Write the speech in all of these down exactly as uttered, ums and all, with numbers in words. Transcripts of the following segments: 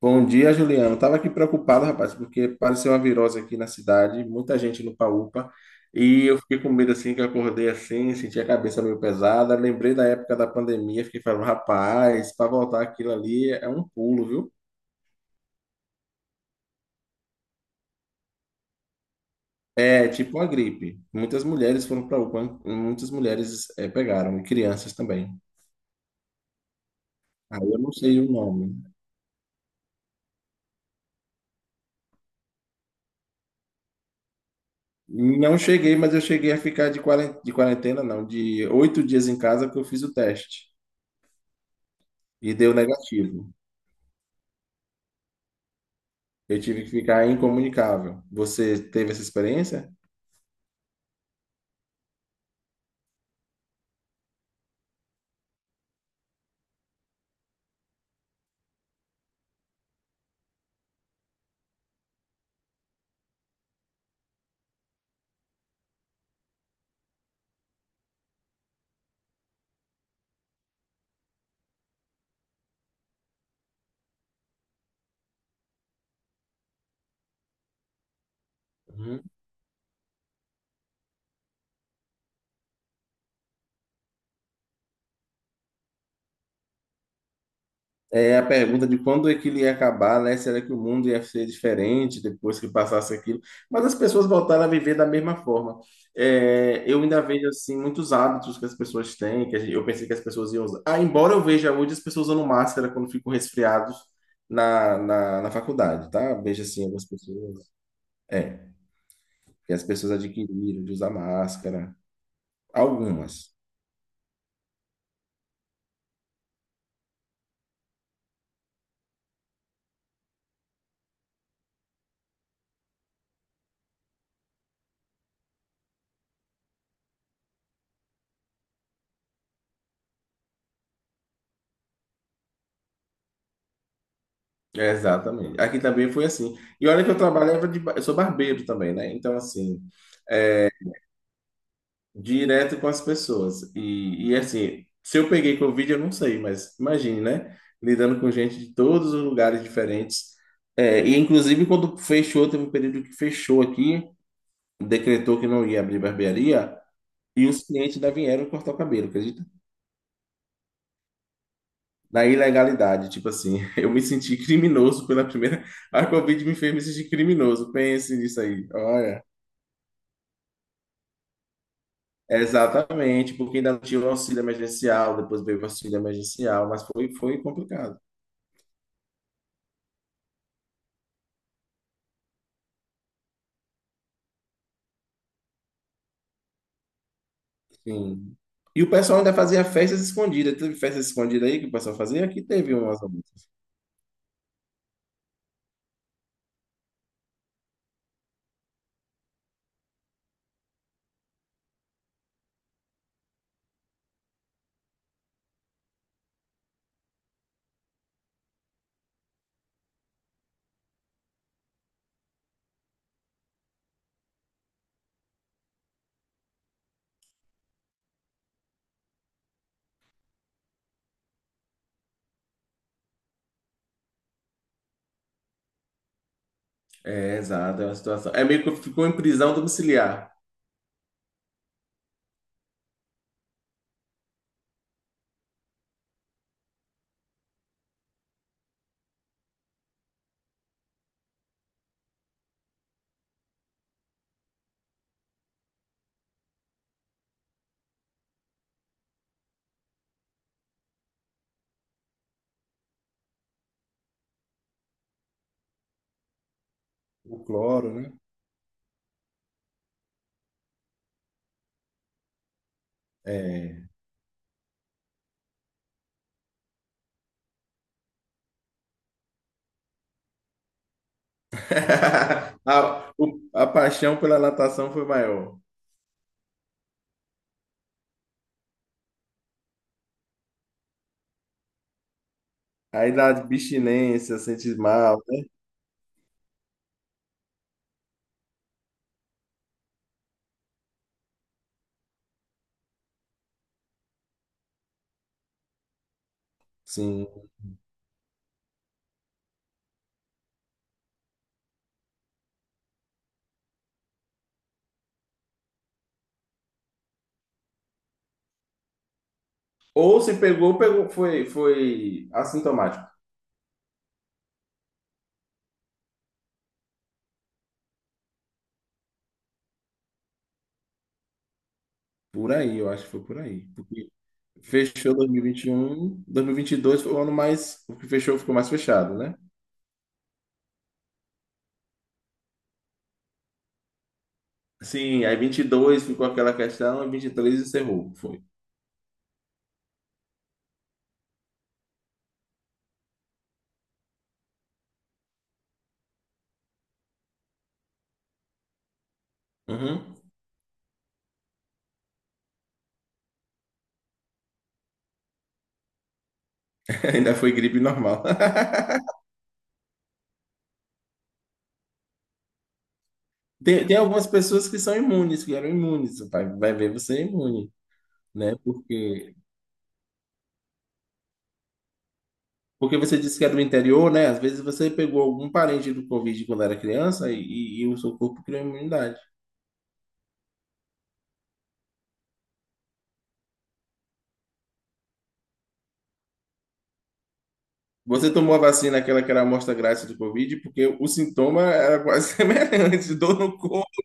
Bom dia, Juliano. Estava aqui preocupado, rapaz, porque apareceu uma virose aqui na cidade, muita gente no U P A, e eu fiquei com medo assim que eu acordei assim, senti a cabeça meio pesada. Lembrei da época da pandemia, fiquei falando, rapaz, para voltar aquilo ali é um pulo, viu? É tipo uma gripe. Muitas mulheres foram para U P A, hein? Muitas mulheres eh, pegaram, e crianças também. Aí eu não sei o nome. Não cheguei, mas eu cheguei a ficar de quarentena, de quarentena, não, de oito dias em casa que eu fiz o teste e deu negativo. Eu tive que ficar incomunicável. Você teve essa experiência? Uhum. É a pergunta de quando é que ele ia acabar, né? Será que o mundo ia ser diferente depois que passasse aquilo? Mas as pessoas voltaram a viver da mesma forma. É, eu ainda vejo assim muitos hábitos que as pessoas têm, que a gente- eu pensei que as pessoas iam usar. Ah, embora eu veja hoje as pessoas usando máscara quando ficam resfriados na, na, na faculdade, tá? Vejo assim algumas pessoas. É, que as pessoas adquiriram de usar máscara. Algumas. É, exatamente. Aqui também foi assim. E olha que eu trabalhava de, ba- eu sou barbeiro também, né? Então, assim, direto com as pessoas. E, e assim, se eu peguei Covid, eu não sei, mas imagine, né? Lidando com gente de todos os lugares diferentes. É, e inclusive quando fechou, teve um período que fechou aqui, decretou que não ia abrir barbearia, e os clientes ainda vieram cortar o cabelo, acredita? Na ilegalidade, tipo assim, eu me senti criminoso pela primeira. A Covid me fez me sentir criminoso. Pense nisso aí. Olha. Exatamente, porque ainda não tinha o auxílio emergencial, depois veio o auxílio emergencial, mas foi, foi complicado. Sim. E o pessoal ainda fazia festas escondidas. Teve festas escondidas aí que o pessoal fazia? Aqui teve umas. É, exato, é uma situação. É meio que ficou em prisão domiciliar. O cloro, né? É. A, o- a paixão pela natação foi maior. Aí dá abstinência, sente mal, né? Sim. Ou se pegou, pegou, foi, foi assintomático. Por aí, eu acho que foi por aí. Fechou dois mil e vinte e um, dois mil e vinte e dois foi o ano mais, o que fechou ficou mais fechado, né? Sim, aí vinte e dois ficou aquela questão, vinte e três encerrou, foi. Uhum. Ainda foi gripe normal. Tem, tem algumas pessoas que são imunes, que eram imunes, vai, vai ver você é imune, né? Porque, porque você disse que é do interior, né? Às vezes você pegou algum parente do Covid quando era criança e, e, e o seu corpo criou imunidade. Você tomou a vacina, aquela que era a amostra grátis do Covid, porque o sintoma era quase semelhante, dor no corpo.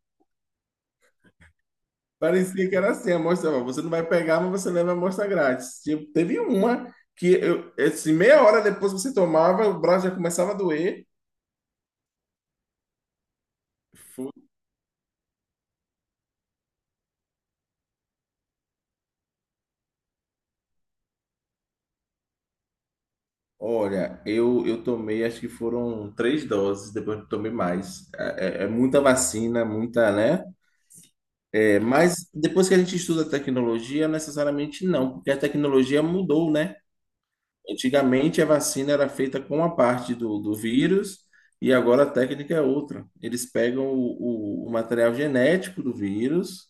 Parecia que era assim, a amostra, ó, você não vai pegar, mas você leva a amostra grátis. Tipo, teve uma que eu, assim, meia hora depois que você tomava, o braço já começava a doer. Fu- Olha, eu, eu tomei, acho que foram três doses, depois eu tomei mais. É, é- é muita vacina, muita, né? É, mas depois que a gente estuda a tecnologia, necessariamente não, porque a tecnologia mudou, né? Antigamente a vacina era feita com uma parte do, do vírus, e agora a técnica é outra. Eles pegam o, o- o material genético do vírus,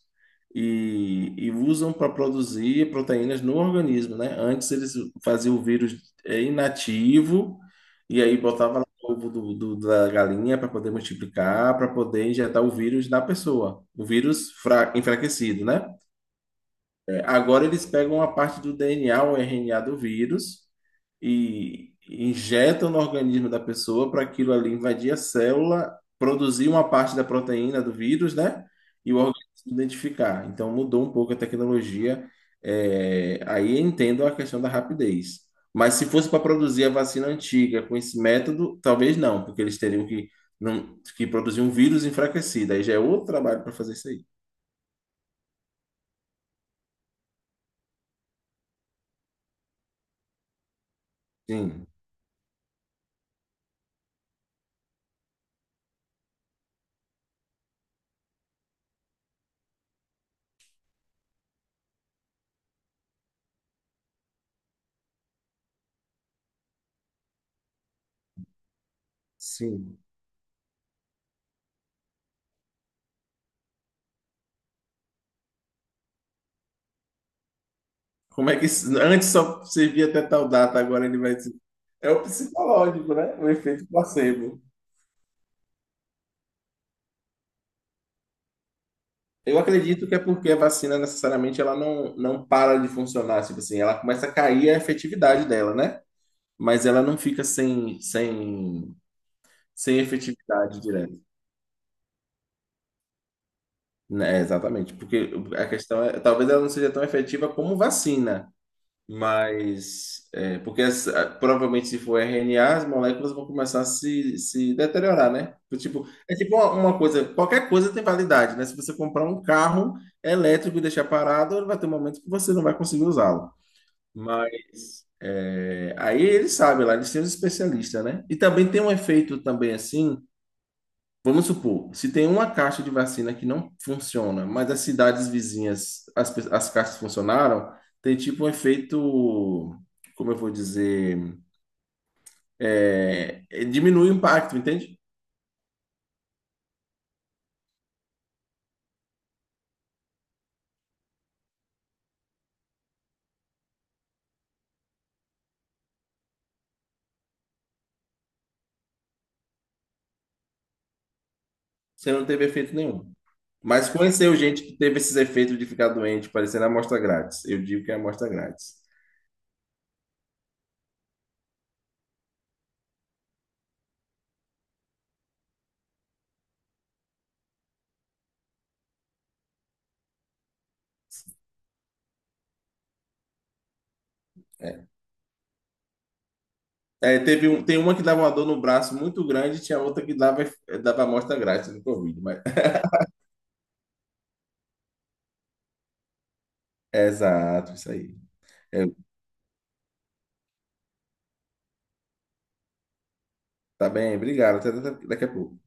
e, e usam para produzir proteínas no organismo, né? Antes eles faziam o vírus eh, inativo, e aí botava lá o ovo do, do- da galinha para poder multiplicar, para poder injetar o vírus na pessoa, o vírus fra- enfraquecido, né? Agora eles pegam a parte do D N A ou R N A do vírus e injetam no organismo da pessoa para aquilo ali invadir a célula, produzir uma parte da proteína do vírus, né? E o organismo identificar. Então mudou um pouco a tecnologia. É, aí entendo a questão da rapidez. Mas se fosse para produzir a vacina antiga com esse método, talvez não, porque eles teriam que, não, que produzir um vírus enfraquecido. Aí já é outro trabalho para fazer isso aí. Sim, sim. Como é que isso- Antes só servia até tal data, agora ele vai ser. É o psicológico, né? O efeito placebo. Eu acredito que é porque a vacina necessariamente ela não, não para de funcionar, tipo assim, ela começa a cair a efetividade dela, né? Mas ela não fica sem, sem, sem efetividade direta. Né, é, exatamente, porque a questão é, talvez ela não seja tão efetiva como vacina. Mas, é, porque essa- provavelmente se for R N A, as moléculas vão começar a se, se deteriorar, né? Do tipo, é tipo uma, uma coisa, qualquer coisa tem validade, né? Se você comprar um carro elétrico e deixar parado, ele vai ter um momento que você não vai conseguir usá-lo. Mas, é, aí eles sabem lá, eles têm os especialistas, né? E também tem um efeito também, assim, vamos supor, se tem uma caixa de vacina que não funciona, mas as cidades vizinhas, as, pe- as caixas funcionaram, tem tipo um efeito, como eu vou dizer, é, é, diminui o impacto, entende? Você não teve efeito nenhum. Mas conheceu gente que teve esses efeitos de ficar doente, parecendo amostra grátis. Eu digo que é amostra grátis. É. É, teve um, tem uma que dava uma dor no braço muito grande, tinha outra que dava, dava, amostra grátis no Covid. Mas... Exato, isso aí. É. Tá bem, obrigado. Até até- daqui a pouco.